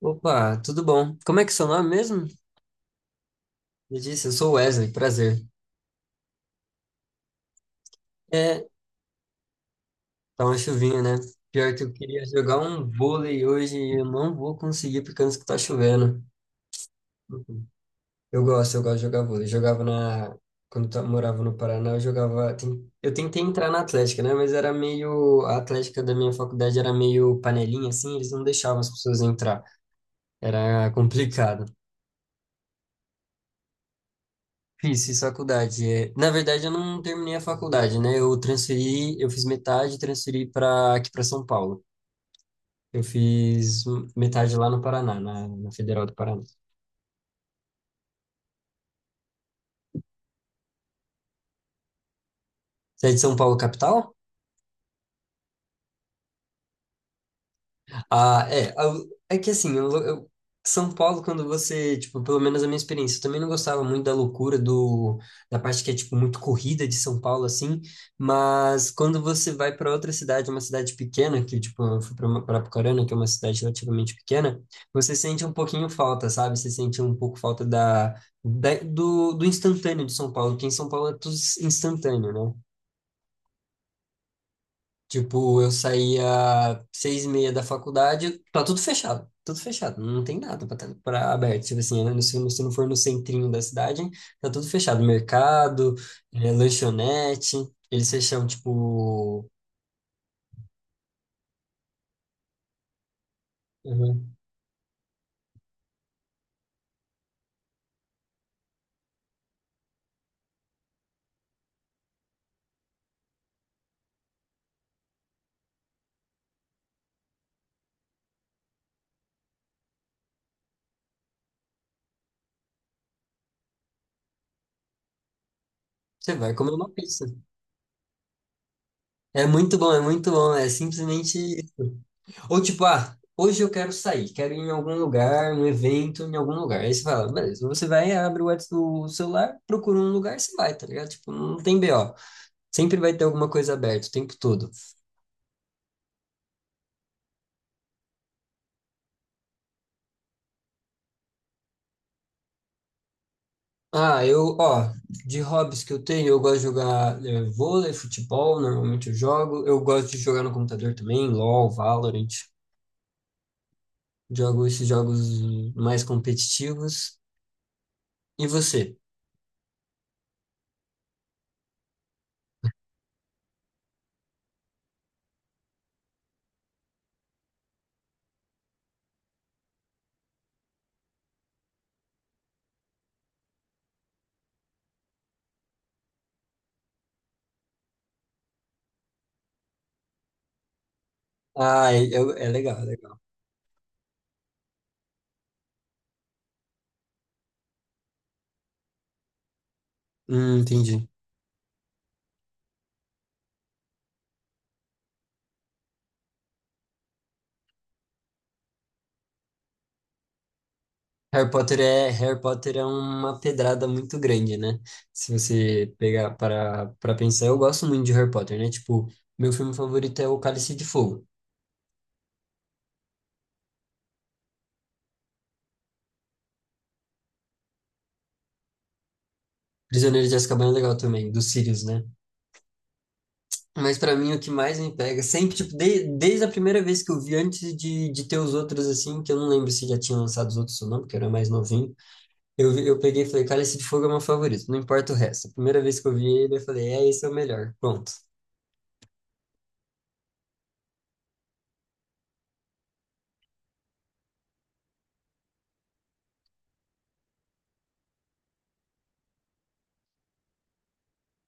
Opa, tudo bom? Como é que é seu nome mesmo? Me disse, eu sou Wesley, prazer. É, tá uma chuvinha, né? Pior que eu queria jogar um vôlei hoje e eu não vou conseguir por causa que tá chovendo. Eu gosto de jogar vôlei. Jogava na... Quando eu morava no Paraná, Eu tentei entrar na Atlética, né? Mas era meio... A Atlética da minha faculdade era meio panelinha, assim, eles não deixavam as pessoas entrar. Era complicado. Fiz faculdade. É, na verdade, eu não terminei a faculdade, né? Eu transferi, eu fiz metade, e transferi para aqui para São Paulo. Eu fiz metade lá no Paraná, na Federal do Paraná. Você é de São Paulo, capital? Ah, é, é que assim, São Paulo, quando você, tipo, pelo menos a minha experiência, eu também não gostava muito da loucura do, da parte que é, tipo, muito corrida de São Paulo, assim, mas quando você vai para outra cidade, uma cidade pequena, que, tipo, eu fui para Apucarana, que é uma cidade relativamente pequena, você sente um pouquinho falta, sabe? Você sente um pouco falta da, do, do instantâneo de São Paulo, porque em São Paulo é tudo instantâneo, né? Tipo, eu saía 6:30 da faculdade, tá tudo fechado, não tem nada pra pra aberto, tipo assim, né? Se, se não for no centrinho da cidade, tá tudo fechado, mercado, lanchonete, eles fecham, tipo, uhum, você vai comer uma pizza. É muito bom, é muito bom, é simplesmente, ou tipo, ah, hoje eu quero sair, quero ir em algum lugar, um evento, em algum lugar, aí você fala, beleza, você vai, abre o o celular, procura um lugar, você vai, tá ligado? Tipo, não tem BO. Sempre vai ter alguma coisa aberta o tempo todo. Ah, eu, ó, de hobbies que eu tenho, eu gosto de jogar vôlei, futebol, normalmente eu jogo. Eu gosto de jogar no computador também, LoL, Valorant. Jogo esses jogos mais competitivos. E você? Ah, é, é legal, é legal. Entendi. Harry Potter é uma pedrada muito grande, né? Se você pegar para pensar, eu gosto muito de Harry Potter, né? Tipo, meu filme favorito é O Cálice de Fogo. Prisioneiro de Azkaban é legal também, do Sirius, né? Mas pra mim o que mais me pega, sempre, tipo, desde a primeira vez que eu vi, antes de ter os outros, assim, que eu não lembro se já tinham lançado os outros ou não, porque eu era mais novinho, eu peguei e falei, Cálice de Fogo é meu favorito, não importa o resto. A primeira vez que eu vi ele, eu falei, é, esse é o melhor, pronto.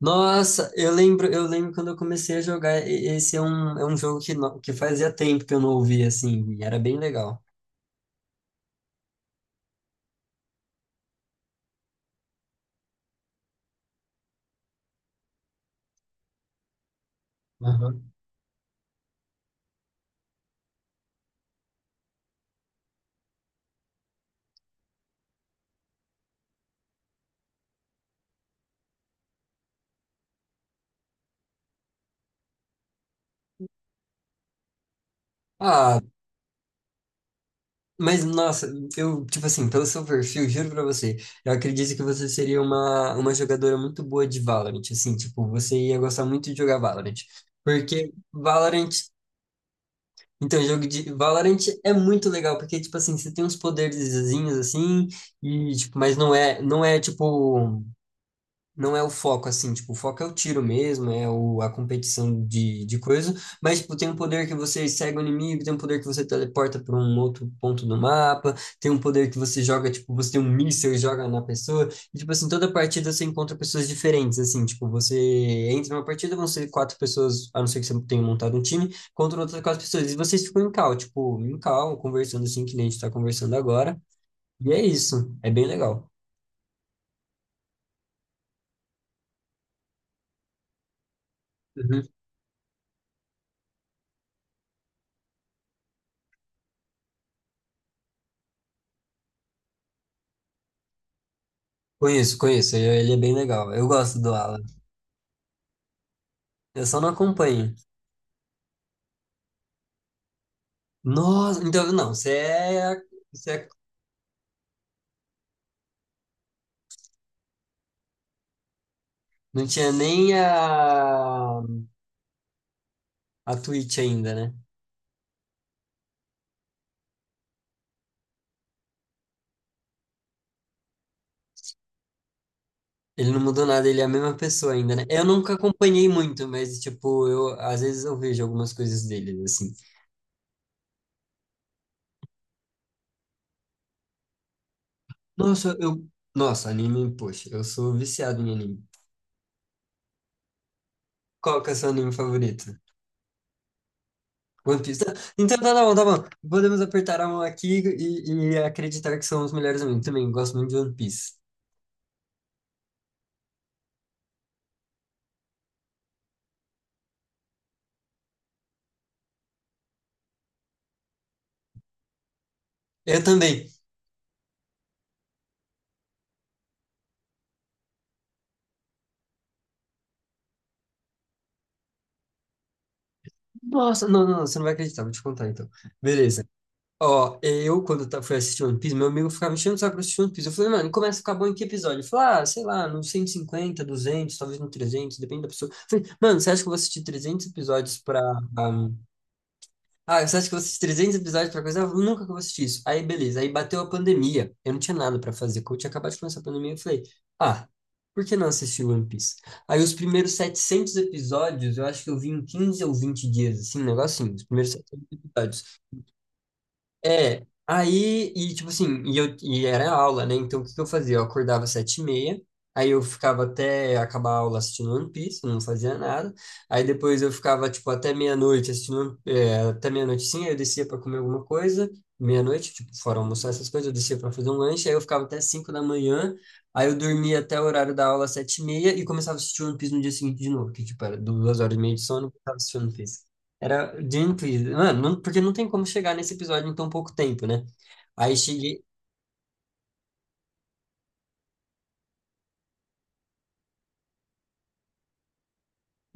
Nossa, eu lembro quando eu comecei a jogar, esse é um jogo que, que fazia tempo que eu não ouvia, assim, e era bem legal. Aham. Ah, mas, nossa, eu, tipo assim, pelo seu perfil, juro pra você, eu acredito que você seria uma jogadora muito boa de Valorant, assim, tipo, você ia gostar muito de jogar Valorant. Porque Valorant, então, jogo de Valorant é muito legal, porque, tipo assim, você tem uns poderzinhos, assim, e, tipo, mas não é, tipo, não é o foco, assim, tipo, o foco é o tiro mesmo, é o, a competição de coisa, mas, tipo, tem um poder que você segue o inimigo, tem um poder que você teleporta para um outro ponto do mapa, tem um poder que você joga, tipo, você tem um míssil e joga na pessoa, e, tipo, assim, toda partida você encontra pessoas diferentes, assim, tipo, você entra numa partida, vão ser quatro pessoas, a não ser que você tenha montado um time, contra outras quatro pessoas, e vocês ficam em cal, tipo, em cal, conversando assim, que nem a gente tá conversando agora, e é isso, é bem legal. Conheço, conheço. Ele é bem legal. Eu gosto do Alan. Eu só não acompanho. Nossa, então não, você é, a- você é- não tinha nem a a Twitch ainda, né? Ele não mudou nada, ele é a mesma pessoa ainda, né? Eu nunca acompanhei muito, mas tipo, eu às vezes eu vejo algumas coisas dele assim. Nossa, eu Nossa, anime, poxa, eu sou viciado em anime. Qual que é o seu anime favorito? One Piece. Tá, então tá, tá bom. Podemos apertar a mão aqui e acreditar que são os melhores amigos. Também gosto muito de One Piece. Eu também. Nossa, não, não, não, você não vai acreditar, vou te contar então. Beleza. Ó, eu, fui assistir One Piece, meu amigo ficava me enchendo o saco pra assistir One Piece. Eu falei, mano, começa a ficar bom em que episódio? Ele falou, ah, sei lá, no 150 200 talvez no 300 depende da pessoa. Eu falei, mano, você acha que eu vou assistir 300 episódios pra, ah, você acha que eu vou assistir 300 episódios pra coisa? Ah, nunca que eu vou assistir isso. Aí, beleza. Aí bateu a pandemia. Eu não tinha nada pra fazer. Quando eu tinha acabado de começar a pandemia, eu falei, ah, por que não assistir One Piece? Aí os primeiros 700 episódios, eu acho que eu vi em 15 ou 20 dias, assim, um negocinho. Os primeiros 700 episódios. É, aí, e tipo assim, e, eu, e era aula, né? Então o que que eu fazia? Eu acordava às 7:30, aí eu ficava até acabar a aula assistindo One Piece, não fazia nada. Aí depois eu ficava, tipo, até meia-noite assistindo, é, até meia-noite sim, aí eu descia pra comer alguma coisa, meia-noite, tipo, fora almoçar essas coisas, eu descia pra fazer um lanche, aí eu ficava até 5 da manhã, aí eu dormia até o horário da aula às 7:30 e começava a assistir One Piece no dia seguinte de novo, que tipo, era 2 horas e meia de sono, eu começava assistindo assistir One Piece. Era Gently. Mano, porque não tem como chegar nesse episódio em tão pouco tempo, né? Aí cheguei.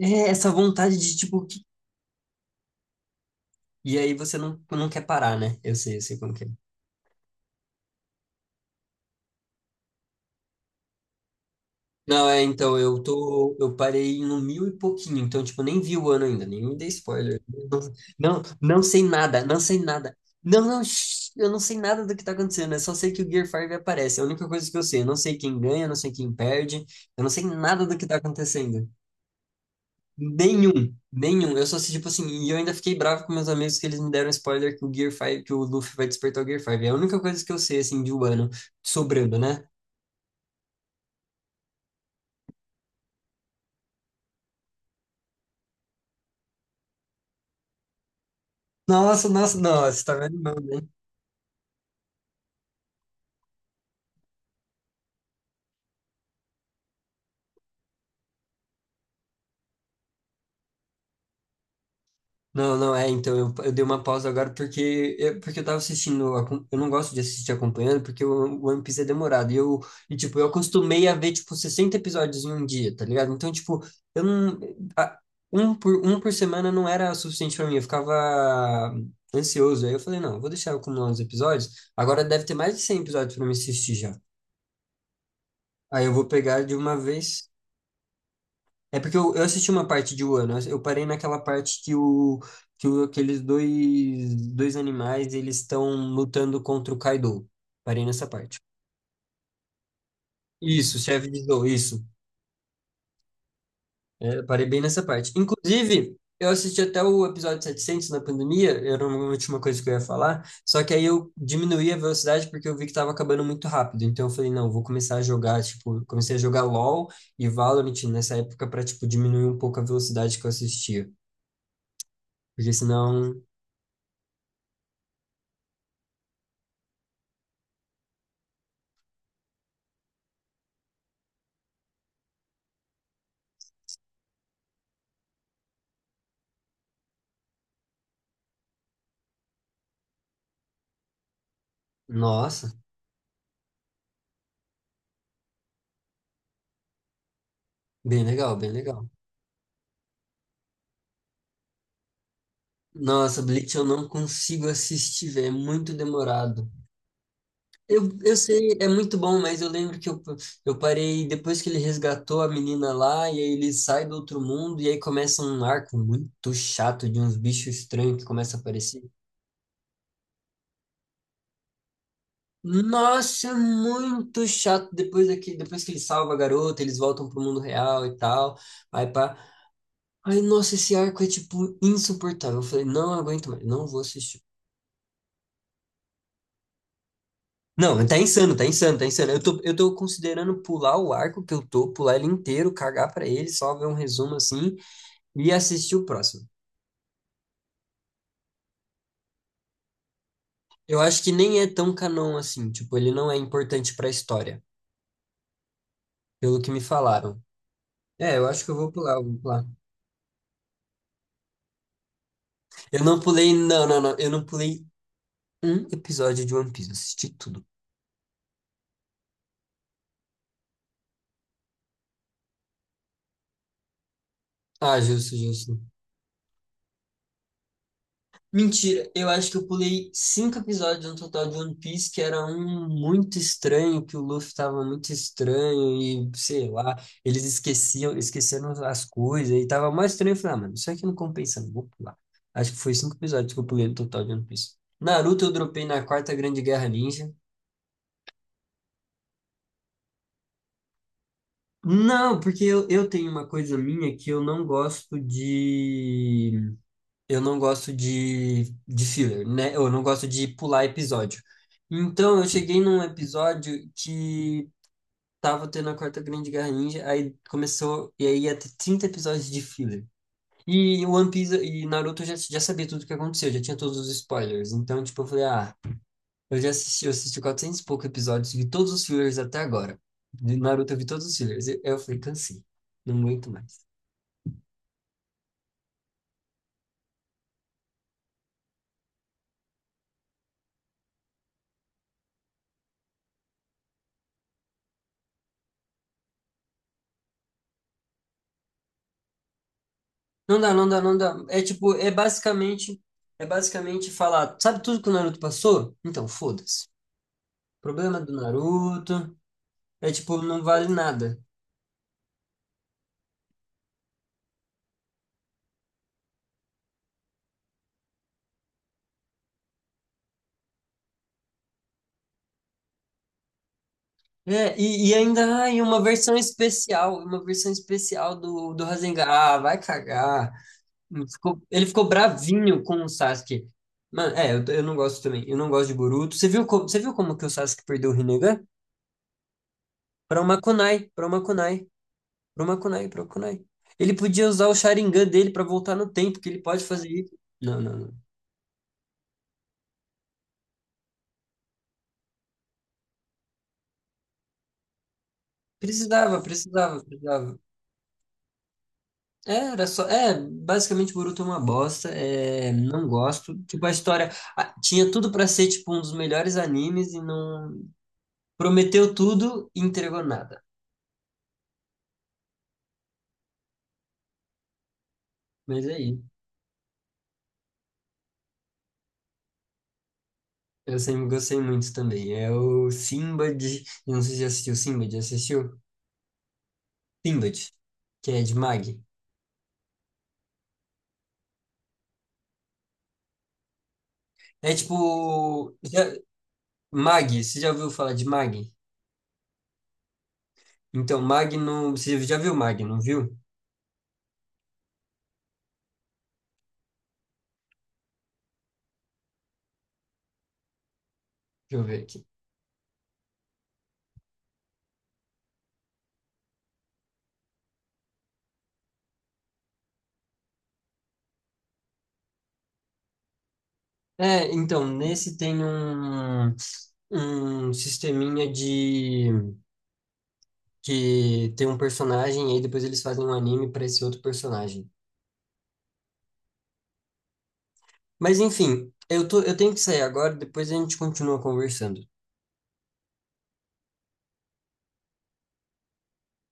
É essa vontade de, tipo. E aí você não, não quer parar, né? Eu sei como que é. Não, é, então, eu tô. Eu parei no mil e pouquinho, então, tipo, nem vi o ano ainda, nem me dei spoiler. Não, não, não sei nada, não sei nada. Não, não, shh, eu não sei nada do que tá acontecendo, eu só sei que o Gear 5 aparece, é a única coisa que eu sei. Eu não sei quem ganha, eu não sei quem perde, eu não sei nada do que tá acontecendo. Nenhum, nenhum. Eu só assisti, tipo assim, e eu ainda fiquei bravo com meus amigos que eles me deram spoiler que o Gear 5, que o Luffy vai despertar o Gear 5. É a única coisa que eu sei, assim, de Wano sobrando, né? Nossa, tá vendo? Não, não, é, então eu dei uma pausa agora porque eu tava assistindo, eu não gosto de assistir acompanhando porque o One Piece é demorado, e eu, e tipo, eu acostumei a ver, tipo, 60 episódios em um dia, tá ligado? Então, tipo, eu não, a- um por, um por semana não era suficiente pra mim, eu ficava ansioso, aí eu falei, não, eu vou deixar eu acumular uns episódios, agora deve ter mais de 100 episódios pra me assistir já, aí eu vou pegar de uma vez, é porque eu assisti uma parte de Wano, eu parei naquela parte que, o, aqueles dois, dois animais, eles estão lutando contra o Kaido. Parei nessa parte. Isso, chefe de Zou, isso. É, eu parei bem nessa parte. Inclusive, eu assisti até o episódio 700 na pandemia, era uma última coisa que eu ia falar, só que aí eu diminuí a velocidade porque eu vi que tava acabando muito rápido. Então eu falei, não, vou começar a jogar, tipo, comecei a jogar LoL e Valorant nessa época pra, tipo, diminuir um pouco a velocidade que eu assistia. Porque senão nossa, bem legal. Nossa, Bleach eu não consigo assistir, velho, é muito demorado. Eu sei, é muito bom, mas eu lembro que eu parei depois que ele resgatou a menina lá, e aí ele sai do outro mundo, e aí começa um arco muito chato de uns bichos estranhos que começam a aparecer. Nossa, é muito chato. Depois daqui, depois que ele salva a garota, eles voltam pro mundo real e tal. Aí pá. Ai, nossa, esse arco é tipo insuportável. Eu falei, não aguento mais, não vou assistir. Não, tá insano. Eu tô considerando pular o arco que eu tô, pular ele inteiro, cagar pra ele, só ver um resumo assim e assistir o próximo. Eu acho que nem é tão canon assim, tipo, ele não é importante pra história, pelo que me falaram. É, eu acho que eu vou pular, eu vou pular. Eu não pulei, não, não, não, eu não pulei um episódio de One Piece, assisti tudo. Ah, justo, justo. Mentira, eu acho que eu pulei cinco episódios no total de One Piece, que era um muito estranho, que o Luffy tava muito estranho e sei lá, esqueceram as coisas e tava mais estranho. Eu falei, ah, mano, isso aqui não compensa, não vou pular. Acho que foi cinco episódios que eu pulei no total de One Piece. Naruto eu dropei na Quarta Grande Guerra Ninja. Não, porque eu tenho uma coisa minha que eu não gosto de eu não gosto de filler, né? Eu não gosto de pular episódio. Então, eu cheguei num episódio que tava tendo a Quarta Grande Guerra Ninja, aí começou, e aí ia ter 30 episódios de filler. E o One Piece e Naruto eu já sabia tudo o que aconteceu, já tinha todos os spoilers. Então, tipo, eu falei, ah, eu já assisti, eu assisti 400 e poucos episódios, vi todos os fillers até agora. De Naruto eu vi todos os fillers. Eu falei, cansei, não aguento mais. Não dá. É tipo, é basicamente falar, sabe tudo que o Naruto passou? Então, foda-se. Problema do Naruto, é tipo, não vale nada. É, e ainda, ai, uma versão especial do, do Rasengan. Ah, vai cagar. Ele ficou bravinho com o Sasuke. Mano, é, eu, eu não gosto de Boruto. Você viu como que o Sasuke perdeu o Rinnegan? Pra uma kunai, pra uma kunai. Pro Kunai, pro Kunai. Ele podia usar o Sharingan dele pra voltar no tempo, que ele pode fazer isso. Não, não, não. Precisava. É, era só. É, basicamente Boruto é uma bosta. É, não gosto. Tipo, a história ah, tinha tudo pra ser tipo um dos melhores animes e não prometeu tudo e entregou nada. Mas é aí. Eu sempre gostei muito também. É o Sinbad. Eu não sei se já assistiu Sinbad, já assistiu? Sinbad, que é de Mag. É tipo. Já, Mag, você já ouviu falar de Mag? Então, Mag não. Você já viu Mag, não viu? Deixa eu ver aqui. É, então, nesse tem um, um sisteminha de. Que tem um personagem e aí depois eles fazem um anime para esse outro personagem. Mas enfim, eu tô, eu tenho que sair agora, depois a gente continua conversando.